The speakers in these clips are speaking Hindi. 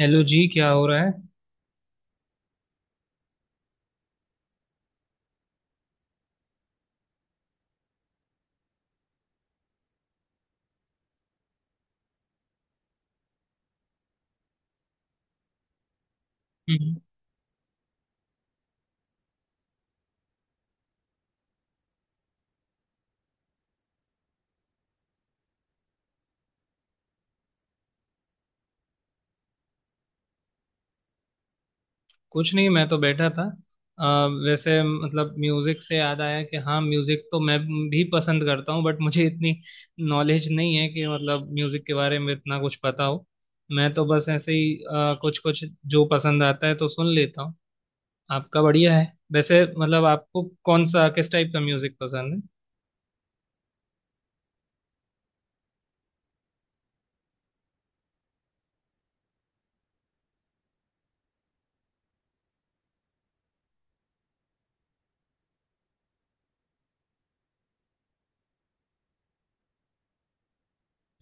हेलो जी, क्या हो रहा है। हम्म। कुछ नहीं, मैं तो बैठा था। अ, वैसे मतलब म्यूजिक से याद आया कि हाँ, म्यूजिक तो मैं भी पसंद करता हूँ, बट मुझे इतनी नॉलेज नहीं है कि मतलब म्यूजिक के बारे में इतना कुछ पता हो। मैं तो बस ऐसे ही कुछ कुछ जो पसंद आता है तो सुन लेता हूँ। आपका बढ़िया है। वैसे मतलब आपको कौन सा किस टाइप का म्यूजिक पसंद है।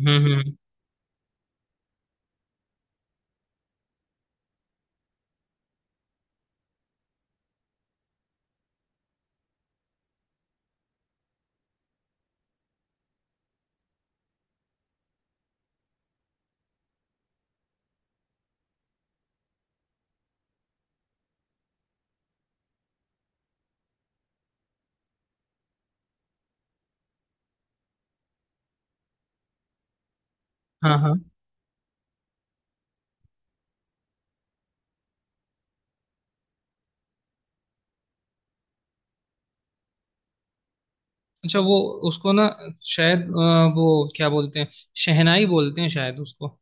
हम्म। हाँ हाँ। अच्छा, वो उसको ना शायद वो क्या बोलते हैं, शहनाई बोलते हैं शायद उसको।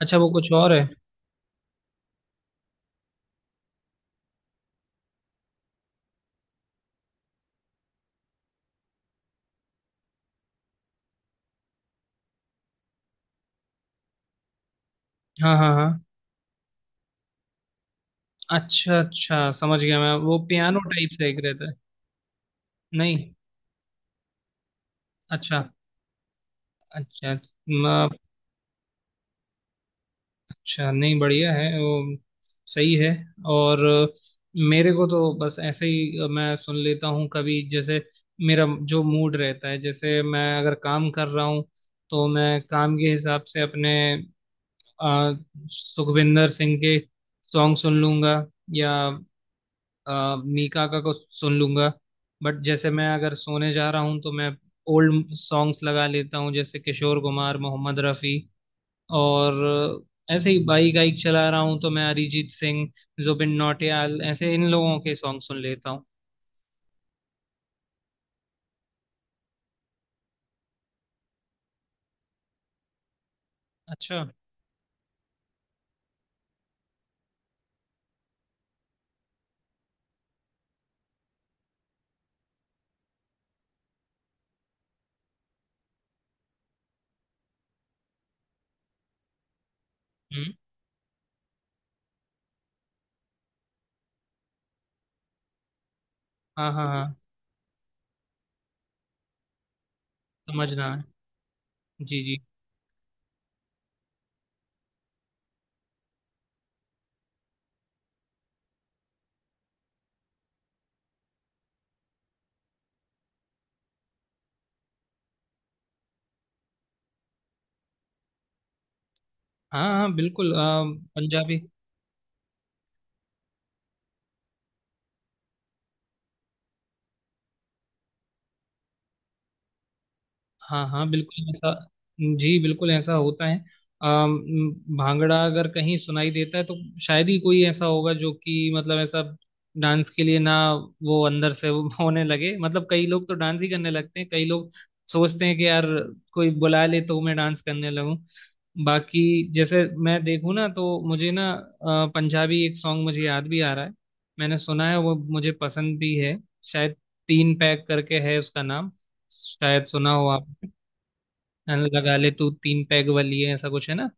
अच्छा, वो कुछ और है। हाँ हाँ हाँ। अच्छा अच्छा, समझ गया मैं, वो पियानो टाइप से एक रहता है। नहीं। अच्छा अच्छा। म- अच्छा, नहीं बढ़िया है वो। सही है। और मेरे को तो बस ऐसे ही मैं सुन लेता हूँ, कभी जैसे मेरा जो मूड रहता है। जैसे मैं अगर काम कर रहा हूँ तो मैं काम के हिसाब से अपने अ, सुखविंदर सिंह के सॉन्ग सुन लूंगा, या मीका का को सुन लूंगा। बट जैसे मैं अगर सोने जा रहा हूँ तो मैं ओल्ड सॉन्ग्स लगा लेता हूँ जैसे किशोर कुमार, मोहम्मद रफ़ी। और ऐसे ही बाइक वाइक चला रहा हूँ तो मैं अरिजीत सिंह, जुबिन नौटियाल ऐसे इन लोगों के सॉन्ग सुन लेता हूँ। अच्छा। हम्म। हाँ हाँ हाँ। समझना है। जी जी। हाँ हाँ हाँ, बिल्कुल। पंजाबी। हाँ हाँ, बिल्कुल ऐसा। जी, बिल्कुल ऐसा होता है। भांगड़ा अगर कहीं सुनाई देता है तो शायद ही कोई ऐसा होगा जो कि मतलब ऐसा डांस के लिए ना वो अंदर से वो होने लगे। मतलब कई लोग तो डांस ही करने लगते हैं, कई लोग सोचते हैं कि यार कोई बुला ले तो मैं डांस करने लगूं। बाकी जैसे मैं देखूं ना तो मुझे ना पंजाबी एक सॉन्ग मुझे याद भी आ रहा है, मैंने सुना है, वो मुझे पसंद भी है। शायद तीन पैक करके है उसका नाम, शायद सुना हो आप। नल लगा ले तू तीन पैग वाली है, ऐसा कुछ है ना।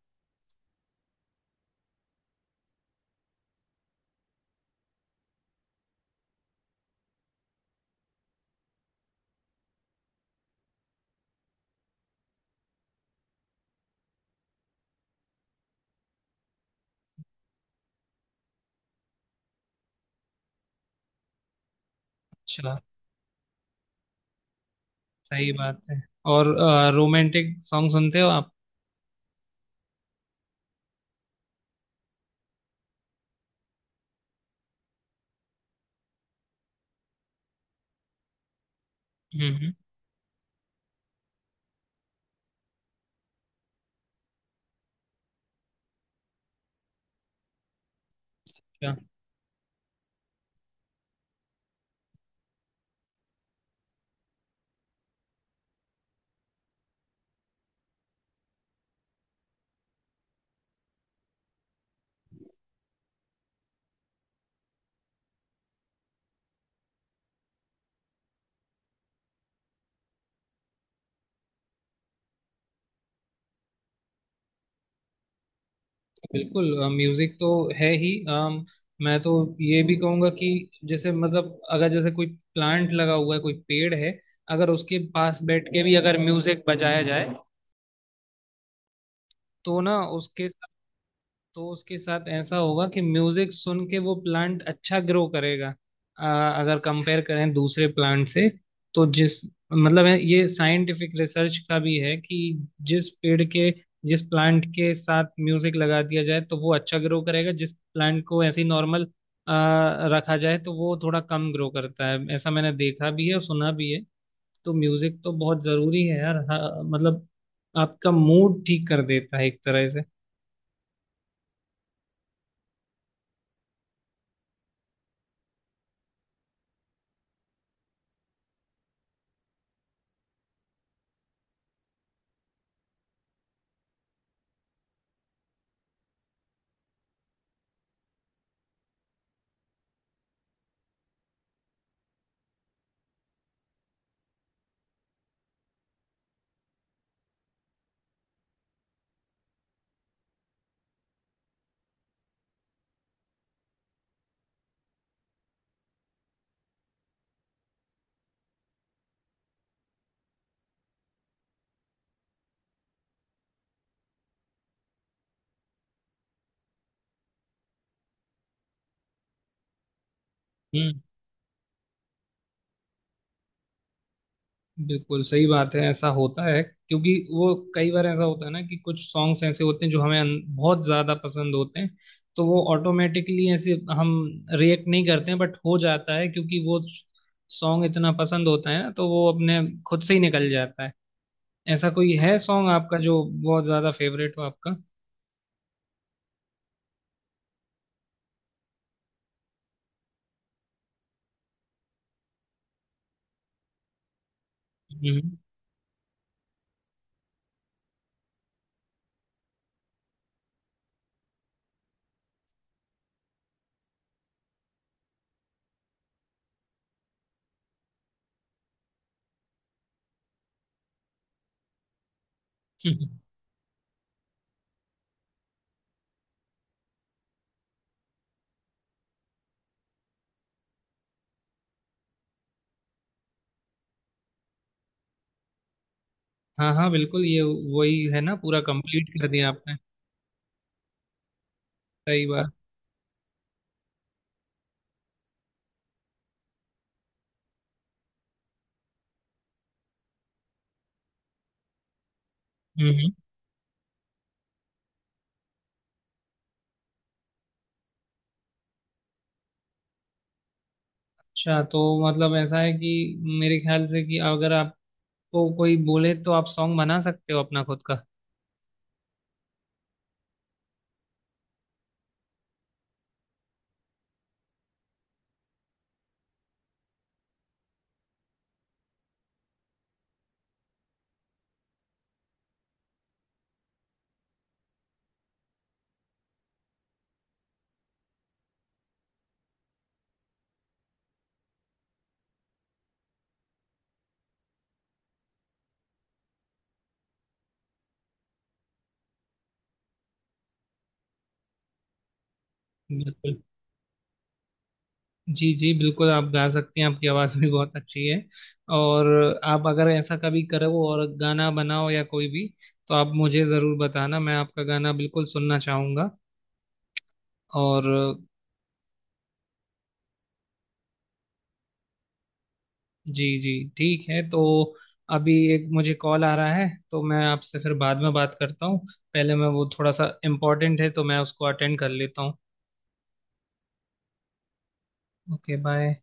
अच्छा। सही बात है। और रोमांटिक सॉन्ग सुनते हो आप। हम्म हम्म, अच्छा, बिल्कुल म्यूजिक तो है ही। मैं तो ये भी कहूंगा कि जैसे मतलब अगर जैसे कोई प्लांट लगा हुआ है, कोई पेड़ है, अगर उसके पास बैठ के भी अगर म्यूजिक बजाया जाए तो ना उसके साथ, तो उसके साथ ऐसा होगा कि म्यूजिक सुन के वो प्लांट अच्छा ग्रो करेगा। अ, अगर कंपेयर करें दूसरे प्लांट से, तो जिस मतलब है, ये साइंटिफिक रिसर्च का भी है कि जिस पेड़ के जिस प्लांट के साथ म्यूजिक लगा दिया जाए तो वो अच्छा ग्रो करेगा, जिस प्लांट को ऐसे ही नॉर्मल रखा जाए तो वो थोड़ा कम ग्रो करता है। ऐसा मैंने देखा भी है और सुना भी है। तो म्यूजिक तो बहुत जरूरी है यार। हाँ, मतलब आपका मूड ठीक कर देता है एक तरह से। हम्म। बिल्कुल सही बात है, ऐसा होता है क्योंकि वो कई बार ऐसा होता है ना कि कुछ सॉन्ग्स ऐसे होते हैं जो हमें बहुत ज्यादा पसंद होते हैं, तो वो ऑटोमेटिकली ऐसे हम रिएक्ट नहीं करते हैं बट हो जाता है, क्योंकि वो सॉन्ग इतना पसंद होता है ना तो वो अपने खुद से ही निकल जाता है। ऐसा कोई है सॉन्ग आपका जो बहुत ज्यादा फेवरेट हो आपका। हम्म। हाँ हाँ, बिल्कुल ये वही है ना, पूरा कंप्लीट कर दिया आपने। सही बात। हम्म हम्म। अच्छा, तो मतलब ऐसा है कि मेरे ख्याल से कि अगर आपको कोई बोले तो आप सॉन्ग बना सकते हो अपना खुद का। बिल्कुल। जी जी, बिल्कुल आप गा सकती हैं, आपकी आवाज़ भी बहुत अच्छी है। और आप अगर ऐसा कभी करो और गाना बनाओ या कोई भी, तो आप मुझे ज़रूर बताना, मैं आपका गाना बिल्कुल सुनना चाहूँगा। और जी जी, ठीक है। तो अभी एक मुझे कॉल आ रहा है तो मैं आपसे फिर बाद में बात करता हूँ, पहले मैं वो थोड़ा सा इम्पोर्टेंट है तो मैं उसको अटेंड कर लेता हूँ। Okay, bye.